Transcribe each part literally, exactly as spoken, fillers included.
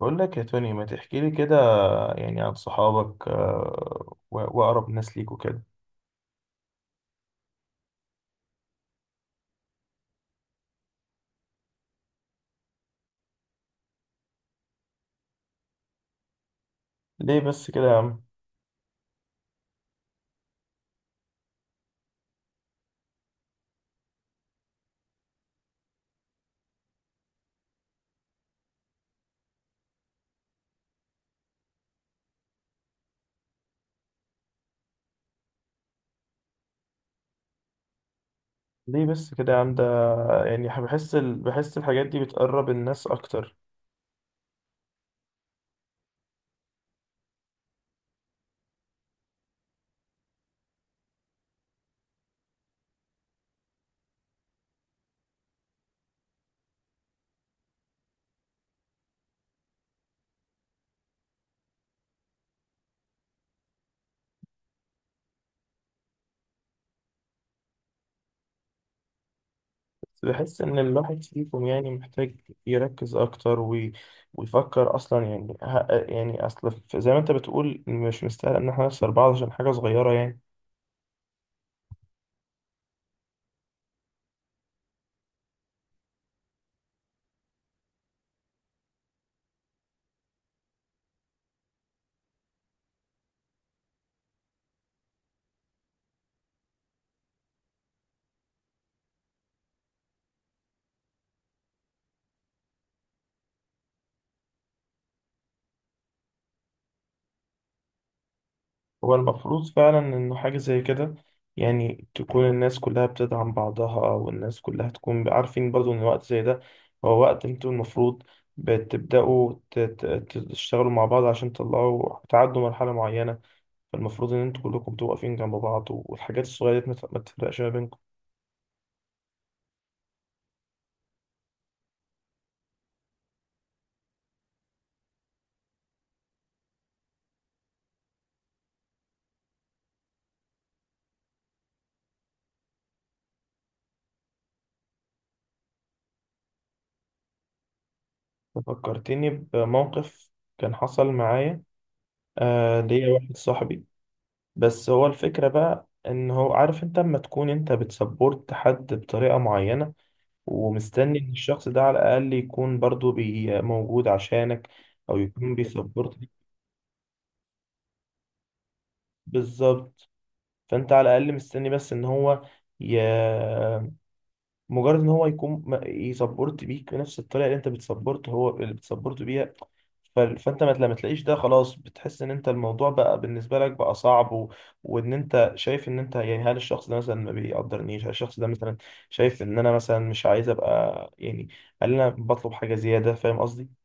بقول لك يا توني، ما تحكي لي كده يعني عن صحابك، آه، و- وأقرب ناس ليك وكده. ليه بس كده يا عم؟ ليه بس كده يا عم ده؟ يعني ح- بحس ال... بحس الحاجات دي بتقرب الناس أكتر. بس بحس إن الواحد فيكم يعني محتاج يركز أكتر، وي... ويفكر أصلا. يعني ه... يعني أصل ف- زي ما أنت بتقول، مش مستاهل إن إحنا نخسر بعض عشان حاجة صغيرة يعني. هو المفروض فعلا إنه حاجة زي كده، يعني تكون الناس كلها بتدعم بعضها، والناس كلها تكون عارفين برضو إن وقت زي ده هو وقت انتوا المفروض بتبدأوا ت- ت- تشتغلوا مع بعض عشان تطلعوا تعدوا مرحلة معينة. فالمفروض إن انتوا كلكم بتبقوا واقفين جنب بعض، والحاجات الصغيرة دي ما ت- ما تفرقش ما بينكم. فكرتني بموقف كان حصل معايا. آه، ليا واحد صاحبي. بس هو الفكرة بقى إن هو عارف، انت لما تكون انت بتسبورت حد بطريقة معينة، ومستني ان الشخص ده على الاقل يكون برضو بي موجود عشانك، او يكون بيسبورت ليك. بالظبط. فانت على الاقل مستني بس ان هو ي... مجرد ان هو يكون م- يسبورت بيك بنفس الطريقه اللي انت بتسبورت هو اللي بتسبورت بيها. ف... فانت ما لما تلاقيش ده، خلاص بتحس ان انت الموضوع بقى بالنسبه لك بقى صعب، و... وان انت شايف ان انت يعني. هل الشخص ده مثلا ما بيقدرنيش؟ هل الشخص ده مثلا شايف ان انا مثلا مش عايز ابقى يعني؟ هل انا بطلب حاجه زياده؟ فاهم قصدي؟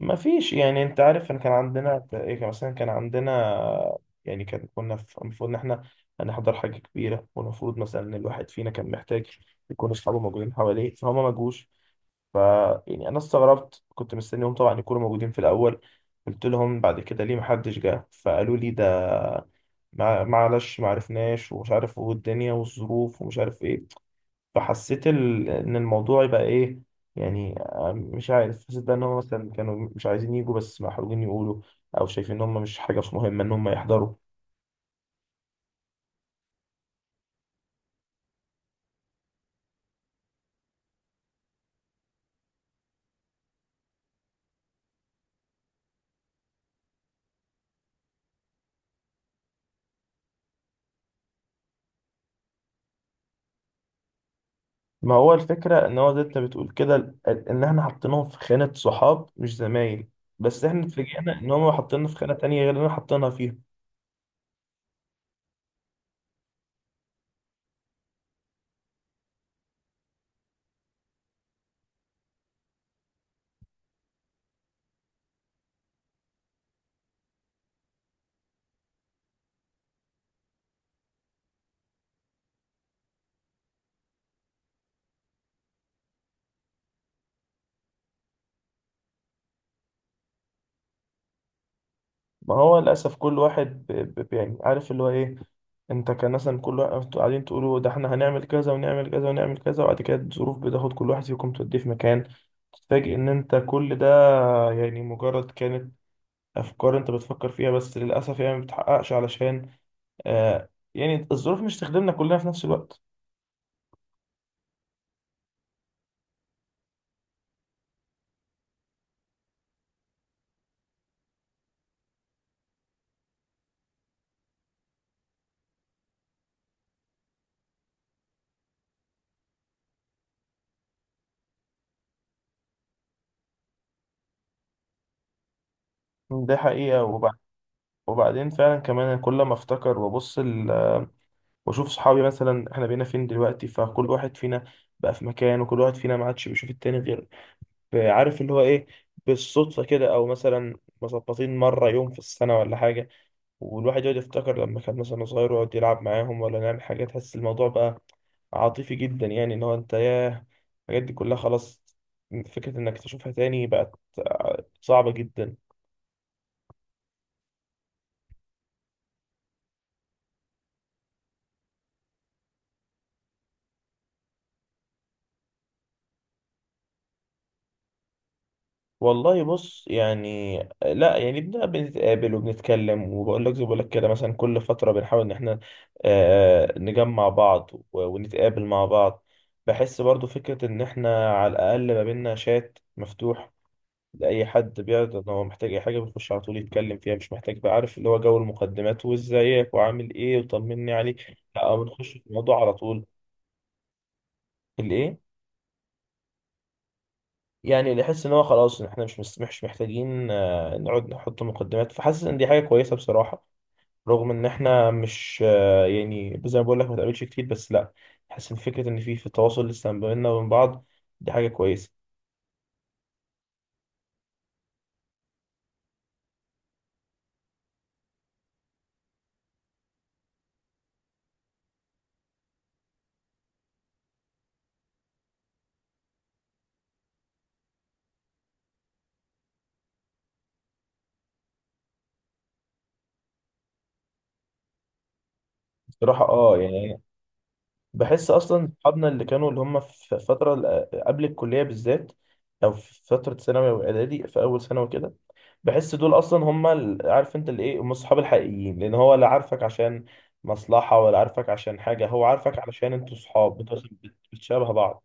ما فيش يعني. انت عارف ان كان عندنا ايه؟ كان مثلا كان عندنا، يعني كان كنا في- المفروض ان احنا هنحضر حاجة كبيرة، والمفروض مثلا ان الواحد فينا كان محتاج يكون اصحابه موجودين حواليه، فهما ما جوش. ف يعني انا استغربت، كنت مستنيهم طبعا يكونوا موجودين في الاول. قلت لهم بعد كده ليه محدش جه، فقالوا لي ده مع- معلش ما عرفناش، ومش عارف، والدنيا والظروف ومش عارف ايه. فحسيت ال... ان الموضوع يبقى ايه يعني. آه، مش عارف، حسيت بقى ان هم مثلا كانوا مش عايزين يجوا بس محروجين يقولوا، او شايفين ان هم مش حاجه، مش مهمه ان هم يحضروا. ما هو الفكره ان هو زي انت بتقول كده، ال- ان احنا حاطينهم في خانه صحاب مش زمايل، بس احنا اتفاجئنا ان هم حاطيننا في خانه تانية غير اللي احنا حاطينها فيها. ما هو للأسف كل واحد ب... ب... يعني عارف اللي هو إيه. أنت كان مثلا كل واحد أنتوا قاعدين تقولوا، ده إحنا هنعمل كذا ونعمل كذا ونعمل كذا، وبعد كده الظروف بتاخد كل واحد فيكم توديه في مكان. تتفاجئ إن أنت كل ده يعني مجرد كانت أفكار أنت بتفكر فيها، بس للأسف يعني ما بتحققش علشان آه، يعني الظروف مش تخدمنا كلنا في نفس الوقت. ده حقيقة. وبعد، وبعدين فعلا كمان، أنا كل ما افتكر وابص ال... واشوف صحابي مثلا احنا بقينا فين دلوقتي، فكل واحد فينا بقى في مكان، وكل واحد فينا ما عادش بيشوف التاني غير، عارف اللي هو ايه، بالصدفة كده، او مثلا مظبطين مرة يوم في السنة ولا حاجة. والواحد يقعد يفتكر لما كان مثلا صغير ويقعد يلعب معاهم ولا نعمل حاجة، تحس الموضوع بقى عاطفي جدا. يعني ان هو انت ياه، الحاجات دي كلها خلاص فكرة انك تشوفها تاني بقت صعبة جدا. والله بص يعني آه، لا يعني بنبقى بنتقابل وبنتكلم، وبقول لك زي بقول لك كده، مثلا كل فترة بنحاول ان احنا آه، نجمع بعض و- ونتقابل مع بعض. بحس برضو فكرة ان احنا على الاقل ما بينا شات مفتوح، لأي حد بيعرض ان هو محتاج اي حاجة بيخش على طول يتكلم فيها، مش محتاج بقى عارف اللي هو جو المقدمات وازيك وعامل ايه وطمني عليك، لا، بنخش في الموضوع على طول. الايه؟ يعني نحس ان هو خلاص إن احنا مش مس- مش محتاجين آه، نقعد نحط مقدمات، فحاسس ان دي حاجه كويسه بصراحه. رغم ان احنا مش آه، يعني زي ما بقول لك ما تقابلش كتير، بس لا، حاسس ان فكره ان في في تواصل لسه ما بيننا وبين بعض، دي حاجه كويسه. بصراحه اه يعني بحس اصلا صحابنا اللي كانوا اللي هم في فتره ال- قبل الكليه بالذات، او في فتره ثانوي واعدادي في اول سنه وكده، بحس دول اصلا هم ال- عارف انت اللي ايه، هم الصحاب الحقيقيين، لان هو لا عارفك عشان مصلحة، ولا عارفك عشان حاجة، هو عارفك علشان انتوا صحاب بتوع- بتشابه بعض.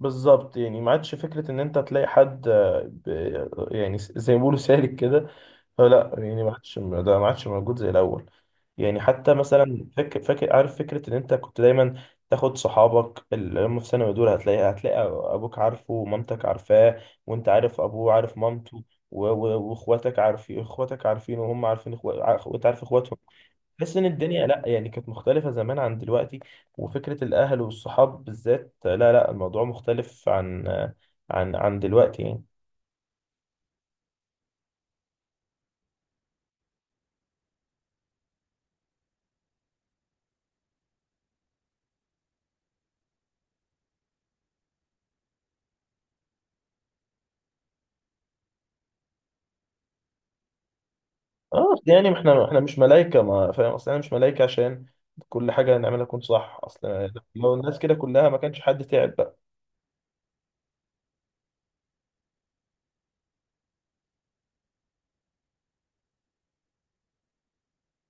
بالظبط. يعني ما عادش فكرة إن أنت تلاقي حد آه، ب- يعني س- زي ما بيقولوا سالك كده. فلا يعني ما عادش ده، ما عادش موجود زي الأول. يعني حتى مثلا فاكر، فاكر عارف فكرة إن أنت كنت دايما تاخد صحابك اللي هم في ثانوي دول، هتلاقي هتلاقي أبوك عارفه ومامتك عارفاه، وأنت عارف أبوه عارف مامته، و- و- وإخواتك عارفين، إخواتك عارفين وهم عارفين إخواتك، وأنت عارف إخواتهم. تحس ان الدنيا لا يعني كانت مختلفة زمان عن دلوقتي، وفكرة الاهل والصحاب بالذات، لا لا، الموضوع مختلف عن عن عن دلوقتي يعني. اه أصل يعني احنا احنا مش ملايكة، ما فاهم اصل انا مش ملايكة عشان كل حاجة نعملها تكون صح. اصل لو الناس كده كلها ما كانش حد تعب بقى.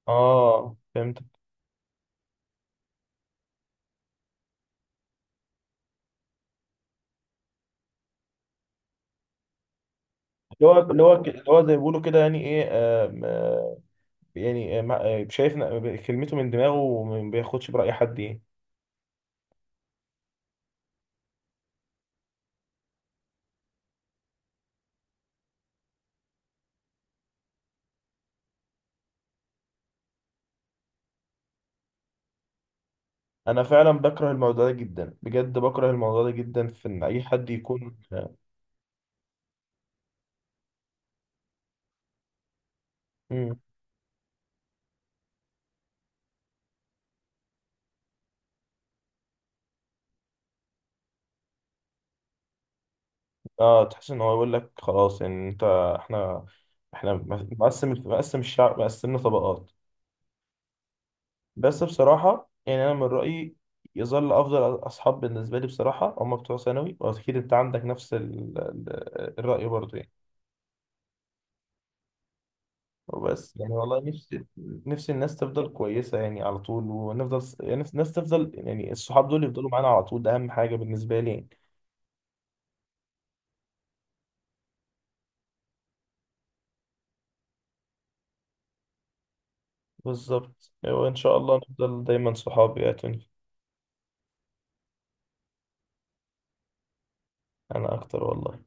اه فهمت. اللي هو اللي هو اللي هو زي ما بيقولوا كده يعني ايه، آم، آه، يعني آه، ما- آه، شايف ن- كلمته من دماغه وما بياخدش برأي حد يعني. انا فعلا بكره الموضوع ده جدا، بجد بكره الموضوع ده جدا، في ان اي حد يكون مم. اه تحس ان هو يقول لك خلاص يعني انت، احنا احنا مقسم مقسم الشعب، مقسمنا طبقات. بس بصراحه يعني انا من رايي يظل افضل اصحاب بالنسبه لي بصراحه هم بتوع ثانوي، واكيد انت عندك نفس ال- ال- الراي برضه يعني. وبس يعني والله، نفسي نفسي الناس تفضل كويسه يعني على طول، ونفضل يعني الناس تفضل يعني الصحاب دول يفضلوا معانا على طول، ده اهم حاجه بالنسبه لي يعني. بالظبط، وإن شاء الله نفضل دايما صحاب يا توني. أنا أكتر والله.